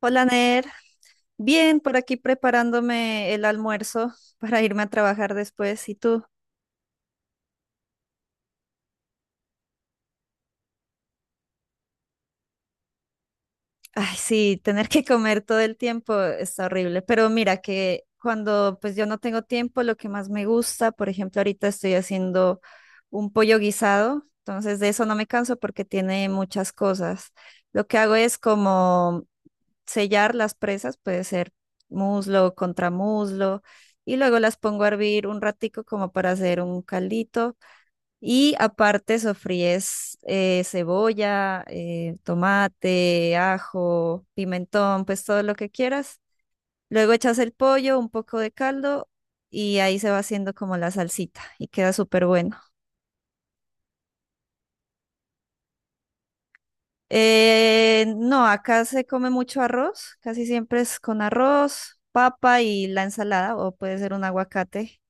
Hola, Ner. Bien, por aquí preparándome el almuerzo para irme a trabajar después. ¿Y tú? Ay, sí, tener que comer todo el tiempo está horrible. Pero mira que cuando pues yo no tengo tiempo, lo que más me gusta, por ejemplo, ahorita estoy haciendo un pollo guisado, entonces de eso no me canso porque tiene muchas cosas. Lo que hago es como sellar las presas, puede ser muslo, contramuslo, y luego las pongo a hervir un ratico como para hacer un caldito. Y aparte sofríes cebolla, tomate, ajo, pimentón, pues todo lo que quieras. Luego echas el pollo, un poco de caldo y ahí se va haciendo como la salsita y queda súper bueno. No, acá se come mucho arroz, casi siempre es con arroz, papa y la ensalada o puede ser un aguacate.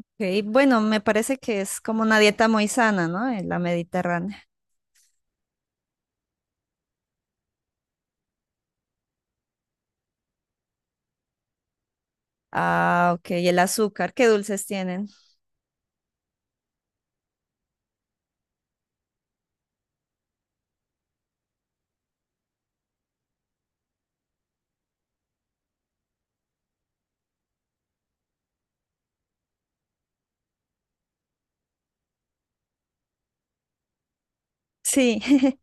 Ok, bueno, me parece que es como una dieta muy sana, ¿no? En la mediterránea. Ah, ok, y el azúcar, qué dulces tienen. Sí,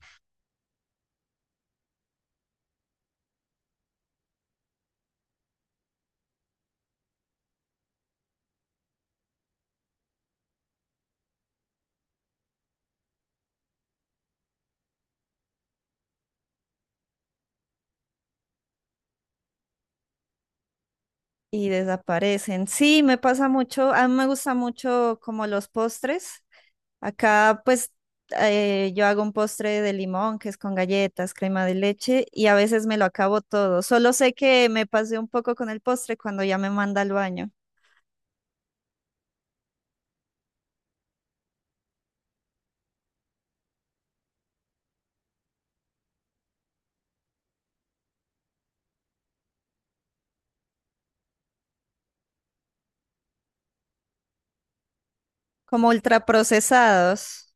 y desaparecen. Sí, me pasa mucho, a mí me gusta mucho como los postres. Acá pues yo hago un postre de limón que es con galletas, crema de leche y a veces me lo acabo todo. Solo sé que me pasé un poco con el postre cuando ya me manda al baño, como ultraprocesados.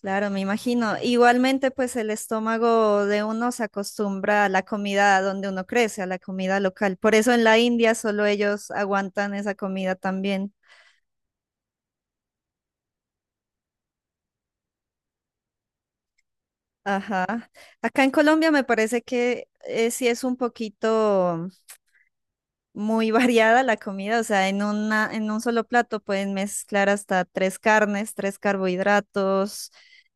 Claro, me imagino. Igualmente, pues el estómago de uno se acostumbra a la comida donde uno crece, a la comida local. Por eso en la India solo ellos aguantan esa comida también. Ajá. Acá en Colombia me parece que sí es un poquito muy variada la comida, o sea, en un solo plato pueden mezclar hasta tres carnes, tres carbohidratos.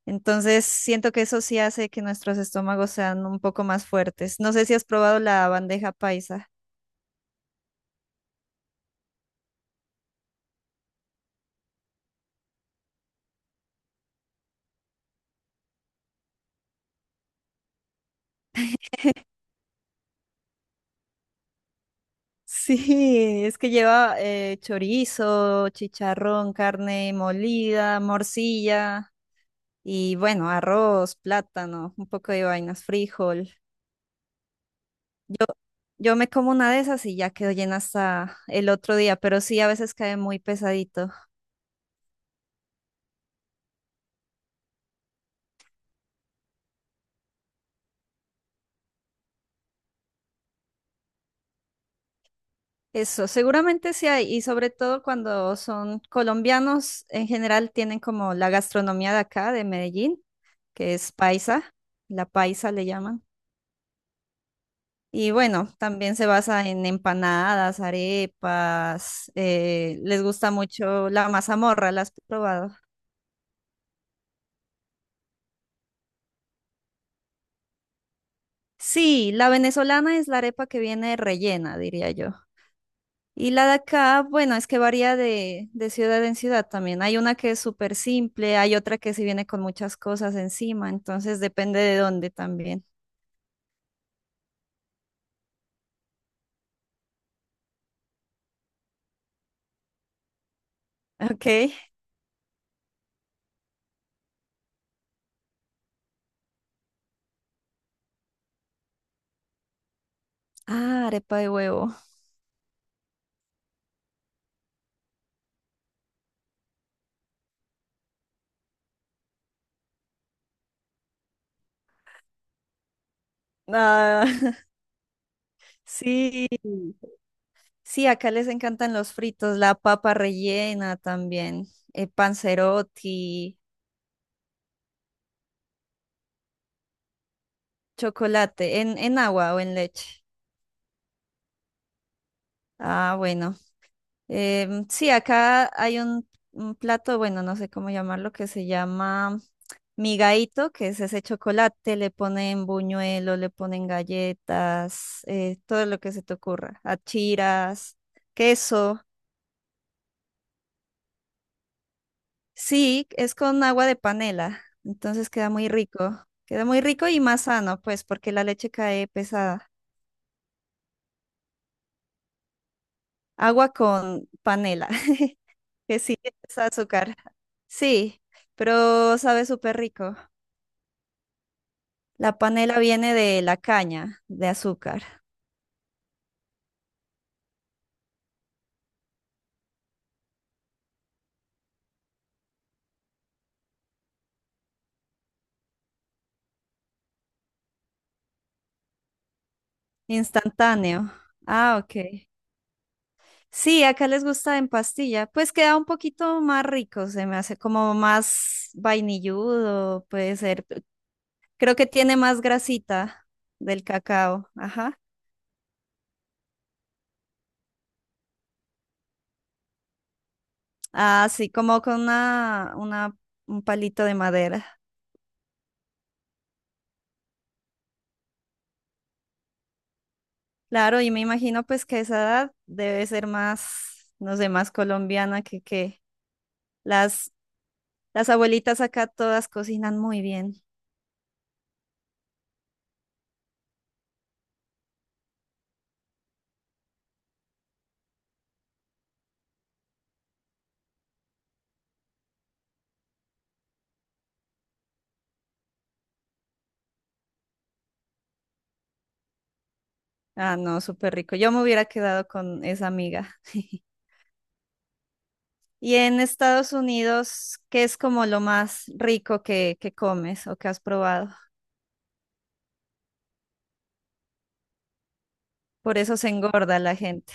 Entonces, siento que eso sí hace que nuestros estómagos sean un poco más fuertes. No sé si has probado la bandeja paisa. Sí, es que lleva chorizo, chicharrón, carne molida, morcilla y bueno, arroz, plátano, un poco de vainas, frijol. Yo me como una de esas y ya quedo llena hasta el otro día, pero sí, a veces cae muy pesadito. Eso, seguramente sí hay, y sobre todo cuando son colombianos, en general tienen como la gastronomía de acá, de Medellín, que es paisa, la paisa le llaman. Y bueno, también se basa en empanadas, arepas. Les gusta mucho la mazamorra, ¿la has probado? Sí, la venezolana es la arepa que viene rellena, diría yo. Y la de acá, bueno, es que varía de ciudad en ciudad también. Hay una que es súper simple, hay otra que sí viene con muchas cosas encima, entonces depende de dónde también. Ok. Ah, arepa de huevo. Ah, sí. Sí, acá les encantan los fritos, la papa rellena también, panzerotti, chocolate, en agua o en leche. Ah, bueno. Sí, acá hay un plato, bueno, no sé cómo llamarlo, que se llama migaíto, que es ese chocolate, le ponen buñuelo, le ponen galletas, todo lo que se te ocurra, achiras, queso. Sí, es con agua de panela, entonces queda muy rico. Queda muy rico y más sano, pues, porque la leche cae pesada. Agua con panela, que sí, es azúcar. Sí, pero sabe súper rico. La panela viene de la caña de azúcar, instantáneo. Ah, ok. Sí, acá les gusta en pastilla. Pues queda un poquito más rico, se me hace como más vainilludo, puede ser. Creo que tiene más grasita del cacao. Ajá. Así como con un palito de madera. Claro, y me imagino pues que esa edad debe ser más, no sé, más colombiana que las, las abuelitas acá todas cocinan muy bien. Ah, no, súper rico. Yo me hubiera quedado con esa amiga. Y en Estados Unidos, ¿qué es como lo más rico que comes o que has probado? Por eso se engorda la gente.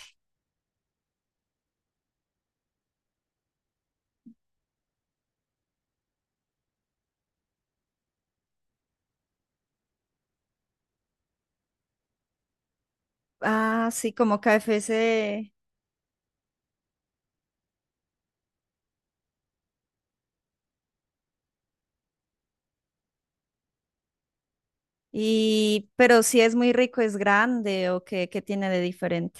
Ah, sí, como KFC. Y, pero si es muy rico, es grande o qué, qué tiene de diferente.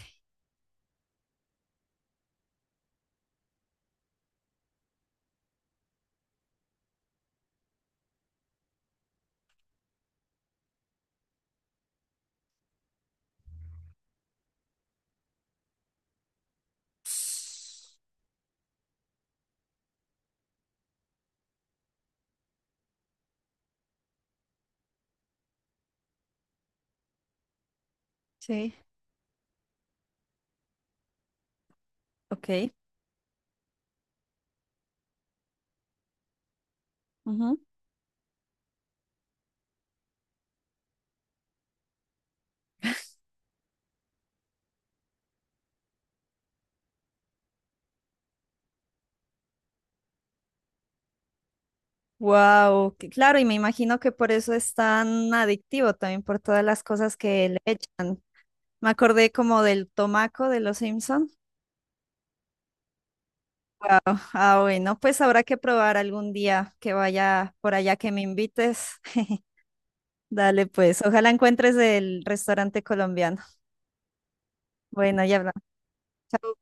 Sí. Ok. Wow, claro, y me imagino que por eso es tan adictivo también por todas las cosas que le echan. Me acordé como del tomaco de los Simpson. Wow, ah, bueno, pues habrá que probar algún día que vaya por allá que me invites. Dale, pues, ojalá encuentres el restaurante colombiano. Bueno, ya hablamos. Chao.